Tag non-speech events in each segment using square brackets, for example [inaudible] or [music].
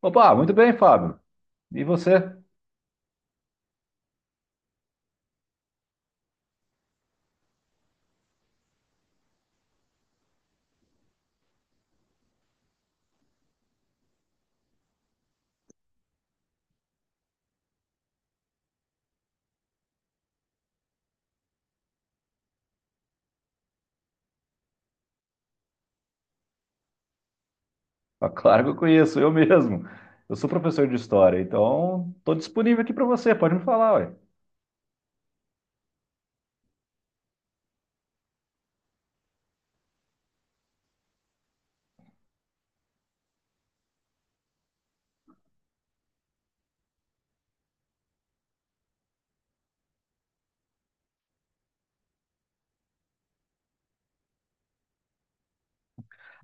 Opa, muito bem, Fábio. E você? Ah, claro que eu conheço, eu mesmo. Eu sou professor de história, então estou disponível aqui para você, pode me falar.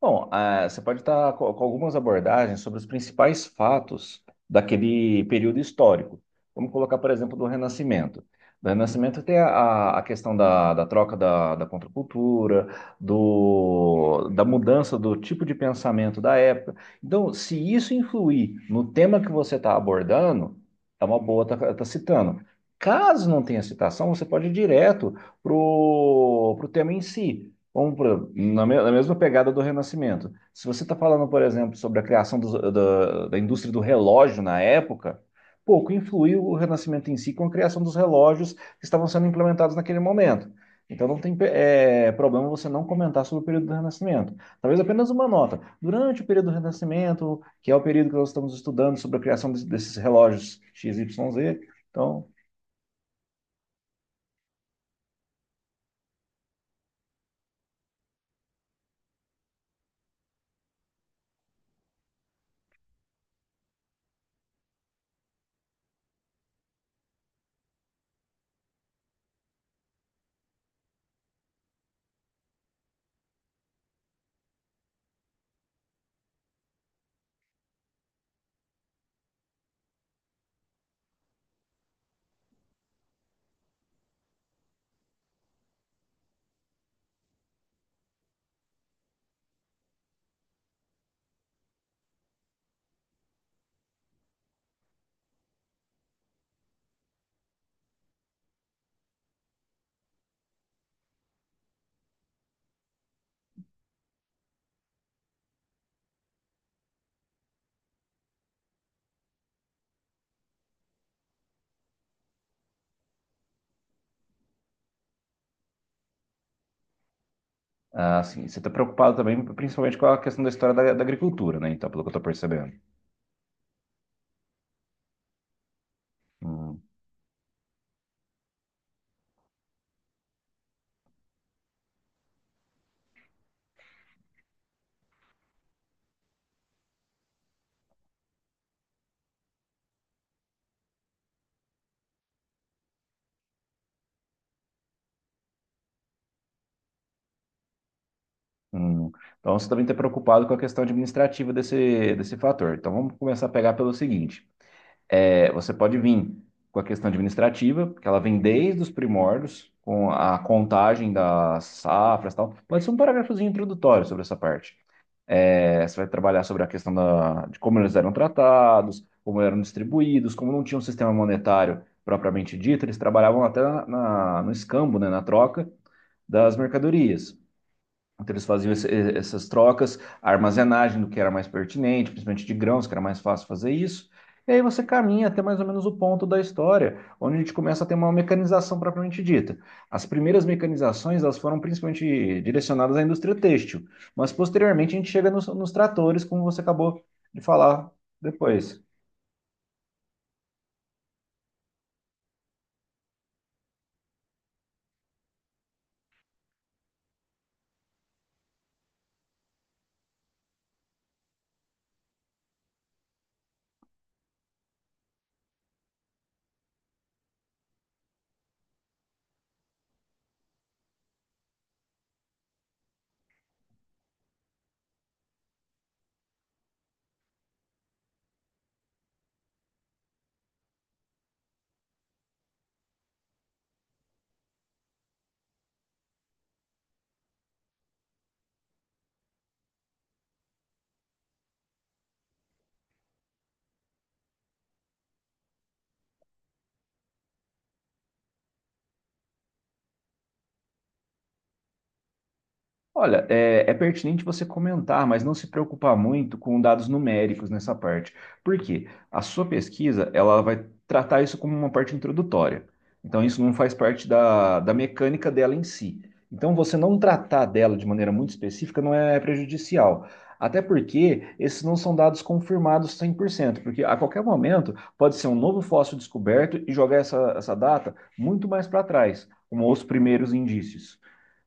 Bom, você pode estar com algumas abordagens sobre os principais fatos daquele período histórico. Vamos colocar, por exemplo, do Renascimento. Do Renascimento tem a questão da troca da contracultura, da mudança do tipo de pensamento da época. Então, se isso influir no tema que você está abordando, é uma boa estar tá citando. Caso não tenha citação, você pode ir direto para o tema em si. Como, por exemplo, na mesma pegada do Renascimento. Se você está falando, por exemplo, sobre a criação da indústria do relógio na época, pouco influiu o Renascimento em si com a criação dos relógios que estavam sendo implementados naquele momento. Então não tem problema você não comentar sobre o período do Renascimento. Talvez apenas uma nota. Durante o período do Renascimento, que é o período que nós estamos estudando sobre a criação desses relógios X, Y, Z. Então, assim, você está preocupado também, principalmente com a questão da história da agricultura, né? Então, pelo que eu estou percebendo. Hum, hum. Então você também está preocupado com a questão administrativa desse, desse fator. Então vamos começar a pegar pelo seguinte: é, você pode vir com a questão administrativa, que ela vem desde os primórdios, com a contagem das safras e tal. Pode ser um parágrafozinho introdutório sobre essa parte. É, você vai trabalhar sobre a questão de como eles eram tratados, como eram distribuídos, como não tinha um sistema monetário propriamente dito, eles trabalhavam até no escambo, né, na troca das mercadorias. Então, essas trocas, a armazenagem do que era mais pertinente, principalmente de grãos, que era mais fácil fazer isso. E aí você caminha até mais ou menos o ponto da história, onde a gente começa a ter uma mecanização propriamente dita. As primeiras mecanizações elas foram principalmente direcionadas à indústria têxtil, mas posteriormente a gente chega nos tratores, como você acabou de falar depois. Olha, é pertinente você comentar, mas não se preocupar muito com dados numéricos nessa parte. Por quê? A sua pesquisa, ela vai tratar isso como uma parte introdutória. Então, isso não faz parte da mecânica dela em si. Então, você não tratar dela de maneira muito específica não é prejudicial. Até porque esses não são dados confirmados 100%, porque a qualquer momento pode ser um novo fóssil descoberto e jogar essa data muito mais para trás, como os primeiros indícios.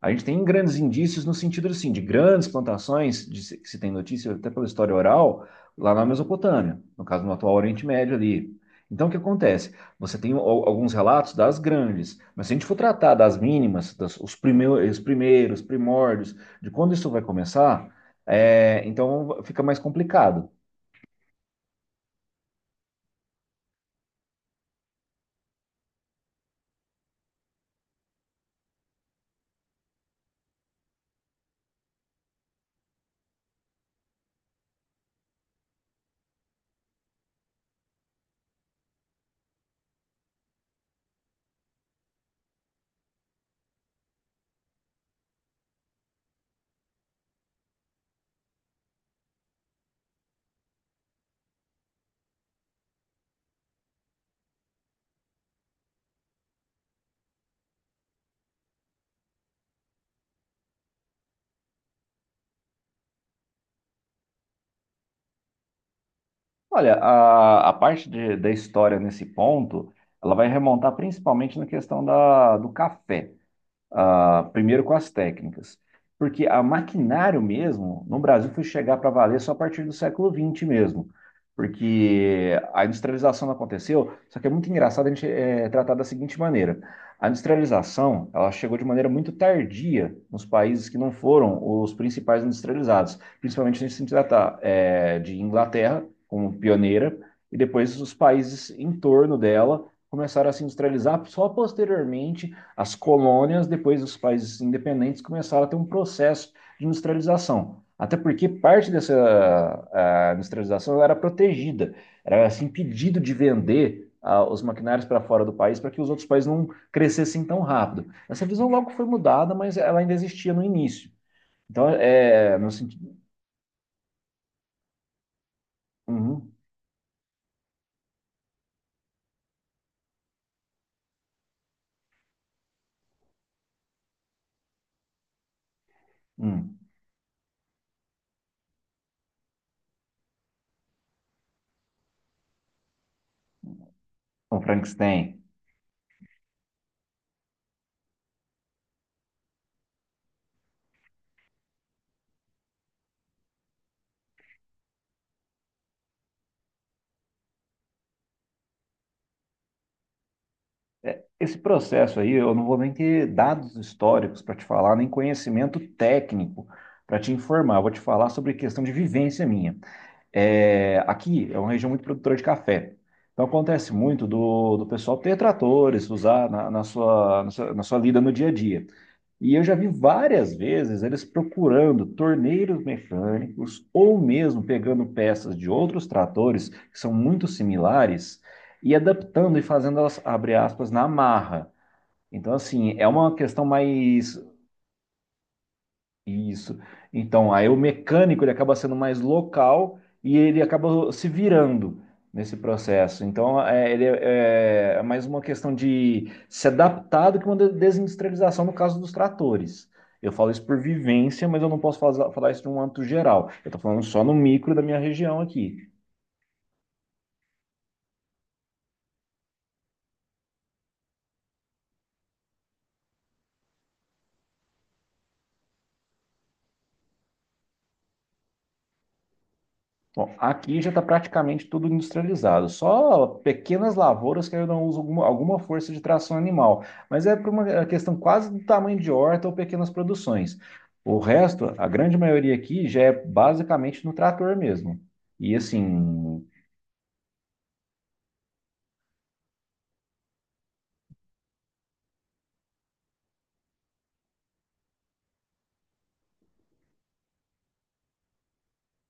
A gente tem grandes indícios no sentido assim, de grandes plantações, de se- que se tem notícia até pela história oral, lá na Mesopotâmia, no caso no atual Oriente Médio ali. Então, o que acontece? Você tem alguns relatos das grandes, mas se a gente for tratar das mínimas, os primeiros, primórdios, de quando isso vai começar, é, então fica mais complicado. Olha, a parte da história nesse ponto, ela vai remontar principalmente na questão da, do café. Ah, primeiro com as técnicas. Porque a maquinário mesmo, no Brasil, foi chegar para valer só a partir do século XX mesmo. Porque a industrialização não aconteceu, só que é muito engraçado a gente tratar da seguinte maneira. A industrialização, ela chegou de maneira muito tardia nos países que não foram os principais industrializados. Principalmente se a gente se tratar de Inglaterra como pioneira, e depois os países em torno dela começaram a se industrializar só posteriormente as colônias, depois os países independentes, começaram a ter um processo de industrialização. Até porque parte dessa industrialização era protegida, era assim, impedido de vender os maquinários para fora do país para que os outros países não crescessem tão rápido. Essa visão logo foi mudada, mas ela ainda existia no início. Então, é, no sentido. Uhum, uhum. O Frankenstein. Esse processo aí, eu não vou nem ter dados históricos para te falar, nem conhecimento técnico para te informar. Eu vou te falar sobre questão de vivência minha. É, aqui é uma região muito produtora de café. Então acontece muito do pessoal ter tratores, usar na sua lida no dia a dia. E eu já vi várias vezes eles procurando torneiros mecânicos ou mesmo pegando peças de outros tratores que são muito similares e adaptando e fazendo elas, abre aspas, na marra. Então, assim, é uma questão mais. Isso. Então, aí o mecânico ele acaba sendo mais local e ele acaba se virando nesse processo. Então, é, ele é, é mais uma questão de se adaptar do que uma desindustrialização no caso dos tratores. Eu falo isso por vivência, mas eu não posso falar isso de um âmbito geral. Eu estou falando só no micro da minha região aqui. Bom, aqui já está praticamente tudo industrializado, só pequenas lavouras que ainda usam alguma força de tração animal, mas é por uma questão quase do tamanho de horta ou pequenas produções. O resto, a grande maioria aqui já é basicamente no trator mesmo. E assim,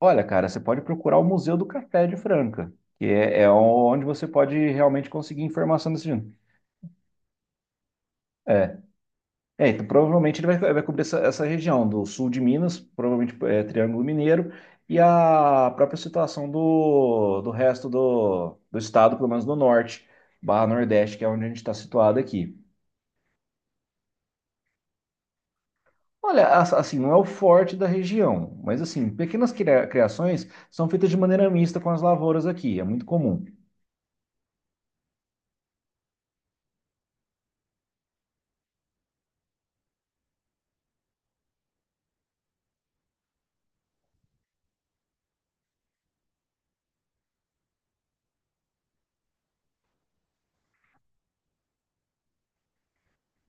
olha, cara, você pode procurar o Museu do Café de Franca, que é, é onde você pode realmente conseguir informação desse tipo. É, então provavelmente ele vai, vai cobrir essa, essa região do sul de Minas, provavelmente é, Triângulo Mineiro, e a própria situação do resto do estado, pelo menos do norte, barra Nordeste, que é onde a gente está situado aqui. Olha, assim, não é o forte da região, mas assim, pequenas criações são feitas de maneira mista com as lavouras aqui, é muito comum.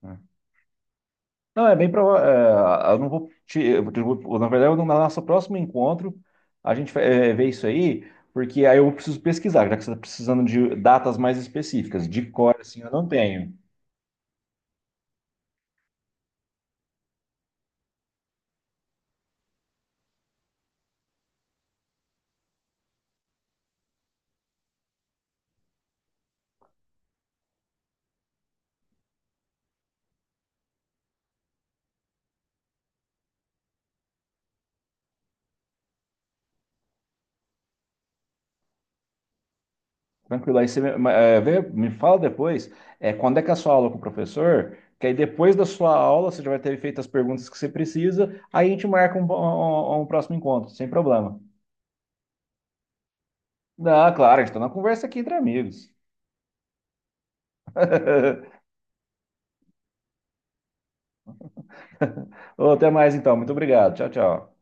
Né? Não, é bem provável. Eu não vou te, eu vou- Na verdade, no nosso próximo encontro, a gente vê isso aí, porque aí eu preciso pesquisar, já que você está precisando de datas mais específicas. De cor, assim, eu não tenho. Tranquilo, aí você me fala depois, quando é que é a sua aula com o professor, que aí depois da sua aula você já vai ter feito as perguntas que você precisa, aí a gente marca um próximo encontro, sem problema. Não, claro, a gente está na conversa aqui entre amigos. [laughs] Ô, até mais então, muito obrigado. Tchau, tchau.